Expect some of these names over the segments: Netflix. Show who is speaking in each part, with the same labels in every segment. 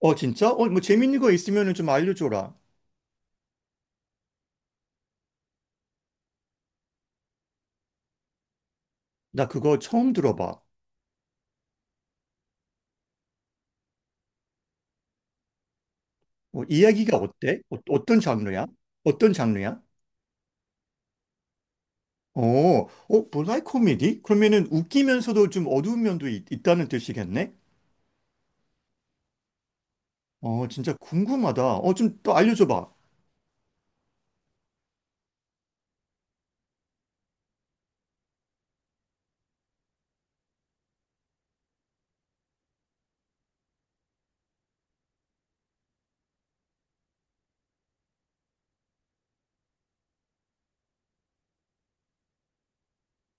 Speaker 1: 진짜? 뭐 재밌는 거 있으면 좀 알려줘라. 나 그거 처음 들어봐. 이야기가 어때? 어, 떤 장르야? 어떤 장르야? 어, 블랙 코미디? 그러면은 웃기면서도 좀 어두운 면도 있, 다는 뜻이겠네? 진짜 궁금하다. 좀 또 알려줘봐.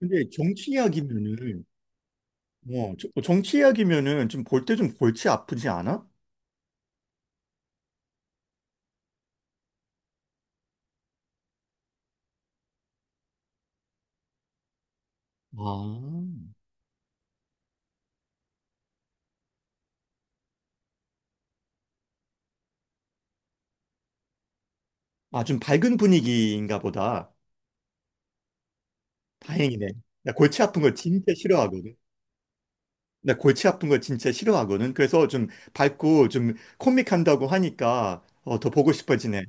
Speaker 1: 근데 정치 이야기면은, 정치 이야기면은 좀 볼 때 좀 골치 아프지 않아? 아, 아, 좀 밝은 분위기인가 보다. 다행이네. 나 골치 아픈 거 진짜 싫어하거든. 나 골치 아픈 거 진짜 싫어하거든. 그래서 좀 밝고 좀 코믹한다고 하니까 더 보고 싶어지네.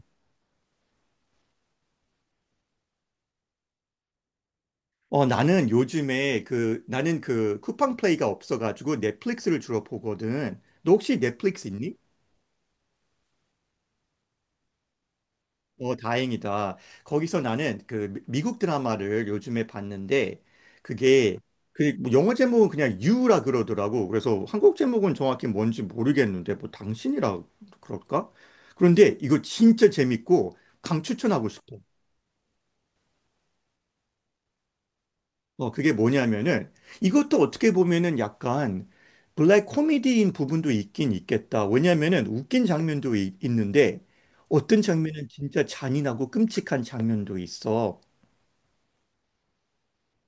Speaker 1: 나는 요즘에 그 나는 그 쿠팡 플레이가 없어가지고 넷플릭스를 주로 보거든. 너 혹시 넷플릭스 있니? 다행이다. 거기서 나는 미국 드라마를 요즘에 봤는데 그게 그뭐 영어 제목은 그냥 유라 그러더라고. 그래서 한국 제목은 정확히 뭔지 모르겠는데 뭐 당신이라 그럴까? 그런데 이거 진짜 재밌고 강추천하고 싶어. 그게 뭐냐면은 이것도 어떻게 보면은 약간 블랙 코미디인 부분도 있긴 있겠다. 왜냐면은 웃긴 있는데 어떤 장면은 진짜 잔인하고 끔찍한 장면도 있어.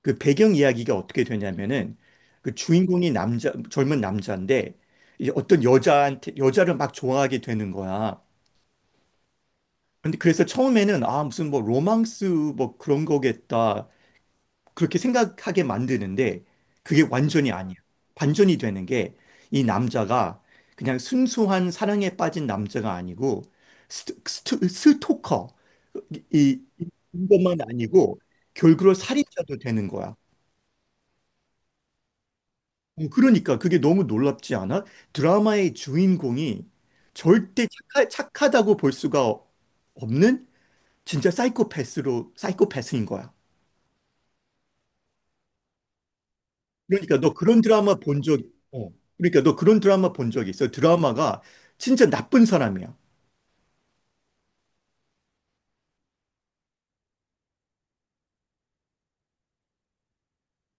Speaker 1: 그 배경 이야기가 어떻게 되냐면은 그 주인공이 남자, 젊은 남자인데 이제 어떤 여자한테, 여자를 막 좋아하게 되는 거야. 근데 그래서 처음에는 아, 무슨 뭐 로망스 뭐 그런 거겠다. 그렇게 생각하게 만드는데 그게 완전히 아니야. 반전이 되는 게 이 남자가 그냥 순수한 사랑에 빠진 남자가 아니고 스토커 이것만 아니고 결국은 살인자도 되는 거야. 그러니까 그게 너무 놀랍지 않아? 드라마의 주인공이 절대 착하다고 볼 수가 없는 진짜 사이코패스로 사이코패스인 거야. 그러니까 너 그런 드라마 본 적, 어. 그러니까 너 그런 드라마 본 적 있어. 드라마가 진짜 나쁜 사람이야.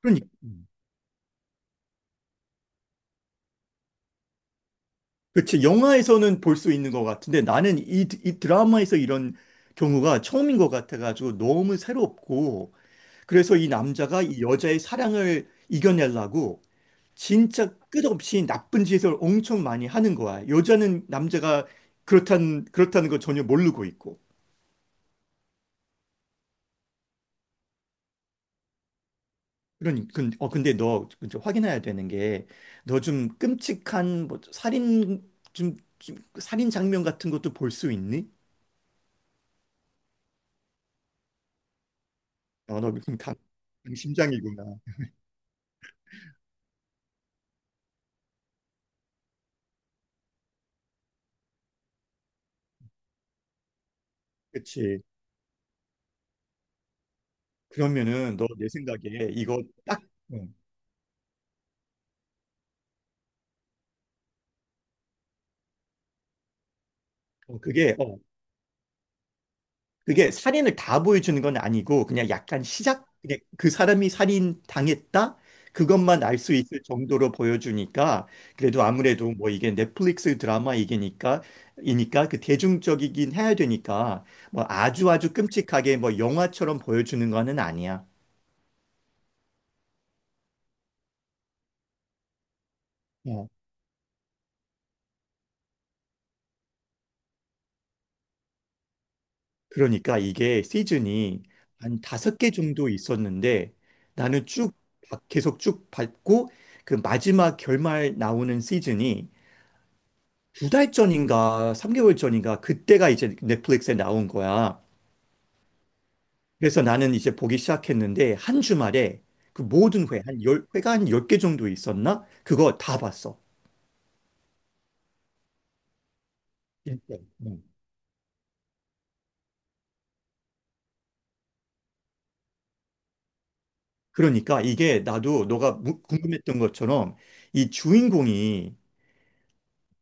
Speaker 1: 그러니까. 음. 그렇지. 영화에서는 볼 수 있는 것 같은데 나는 이 드라마에서 이런 경우가 처음인 것 같아가지고 너무 새롭고 그래서 이 남자가 이 여자의 사랑을 이겨내려고 진짜 끝없이 나쁜 짓을 엄청 많이 하는 거야. 여자는 남자가 그렇다는 걸 전혀 모르고 있고. 그러니 근, 어 근데 너 이제 확인해야 되는 게 너 좀 끔찍한 뭐 좀 살인 장면 같은 것도 볼 수 있니? 너 지금 강심장이구나. 그치. 그러면은 너 내 생각에 이거 딱 어, 어, 그게 어, 그게 살인을 다 보여주는 건 아니고 그냥 약간 시작 그냥 그 사람이 살인 당했다 그것만 알 수 있을 정도로 보여주니까 그래도 아무래도 뭐 이게 넷플릭스 드라마 이게니까 이니까 그 대중적이긴 해야 되니까 뭐 아주 아주 끔찍하게 뭐 영화처럼 보여주는 거는 아니야. 어. 그러니까 이게 시즌이 한 다섯 개 정도 있었는데 나는 쭉 계속 쭉 봤고 그 마지막 결말 나오는 시즌이 두 달 전인가 3개월 전인가 그때가 이제 넷플릭스에 나온 거야. 그래서 나는 이제 보기 시작했는데 한 주말에 한 열 회가 한 10개 정도 있었나? 그거 다 봤어. 일단. 음. 그러니까 이게 나도 너가 궁금했던 것처럼 이 주인공이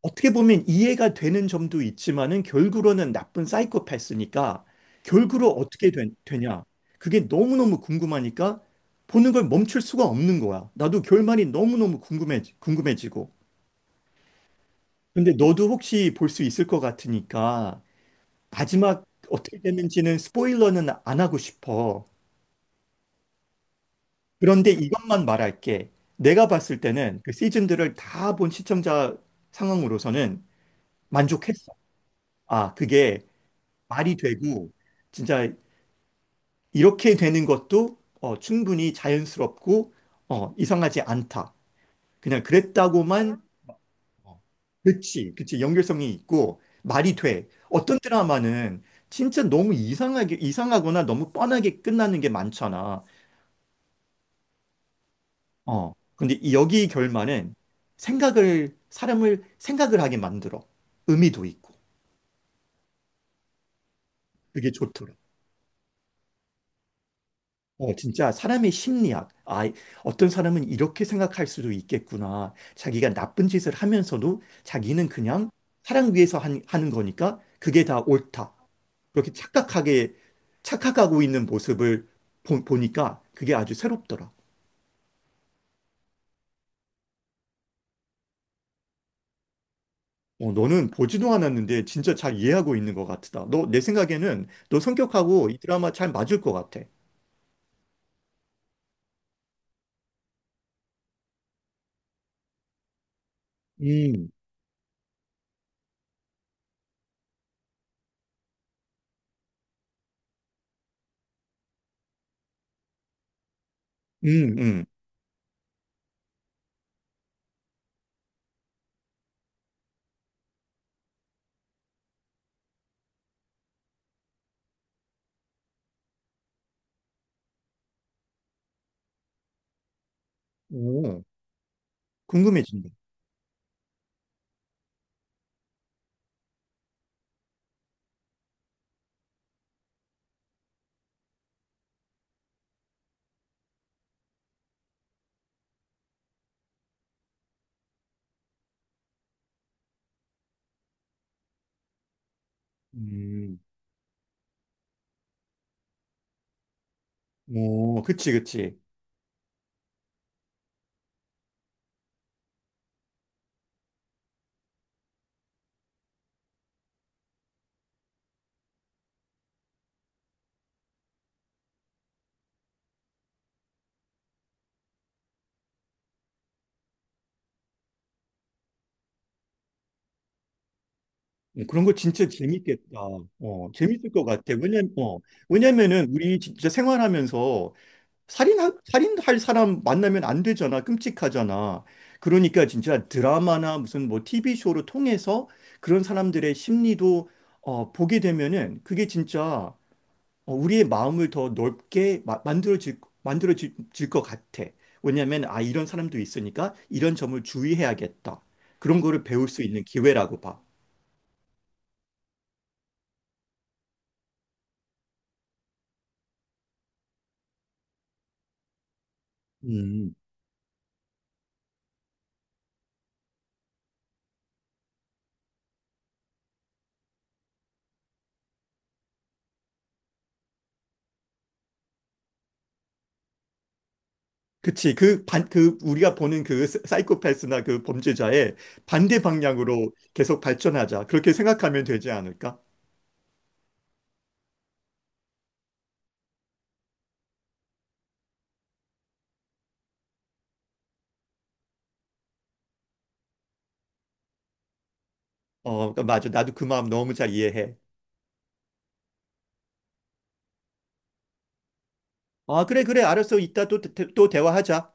Speaker 1: 어떻게 보면 이해가 되는 점도 있지만은 결국으로는 나쁜 사이코패스니까 결국으로 어떻게 되냐? 그게 너무너무 궁금하니까 보는 걸 멈출 수가 없는 거야. 나도 결말이 너무너무 궁금해지고. 근데 너도 혹시 볼 수 있을 것 같으니까 마지막 어떻게 됐는지는 스포일러는 안 하고 싶어. 그런데 이것만 말할게. 내가 봤을 때는 그 시즌들을 다 본 시청자 상황으로서는 만족했어. 그게 말이 되고 진짜 이렇게 되는 것도 충분히 자연스럽고 이상하지 않다. 그냥 그랬다고만 어, 그치, 그치. 연결성이 있고 말이 돼. 어떤 드라마는 진짜 너무 이상하거나 너무 뻔하게 끝나는 게 많잖아. 어. 근데 여기 결말은 사람을 생각을 하게 만들어. 의미도 있고. 그게 좋더라. 진짜 사람의 심리학. 아, 어떤 사람은 이렇게 생각할 수도 있겠구나. 자기가 나쁜 짓을 하면서도 자기는 그냥 사랑 위해서 하는 거니까 그게 다 옳다. 그렇게 착각하게, 착각하고 있는 모습을 보니까 그게 아주 새롭더라. 너는 보지도 않았는데 진짜 잘 이해하고 있는 것 같다. 너, 내 생각에는 너 성격하고 이 드라마 잘 맞을 것 같아. 음, 음, 음. 오, 궁금해진다. 음, 오, 그치, 그치. 그런 거 진짜 재밌겠다. 재밌을 것 같아. 왜냐면은 우리 진짜 생활하면서 살인, 살인할 사람 만나면 안 되잖아. 끔찍하잖아. 그러니까 진짜 드라마나 무슨 뭐 TV쇼를 통해서 그런 사람들의 심리도 보게 되면은 그게 진짜 우리의 마음을 더 넓게 만들어질 것 같아. 이런 사람도 있으니까 이런 점을 주의해야겠다. 그런 거를 배울 수 있는 기회라고 봐. 음. 그치. 그 우리가 보는 사이코패스나 그 범죄자의 반대 방향으로 계속 발전하자. 그렇게 생각하면 되지 않을까? 그러니까 맞아. 나도 그 마음 너무 잘 이해해. 아, 그래, 그래. 알았어. 이따 또, 또 대화하자.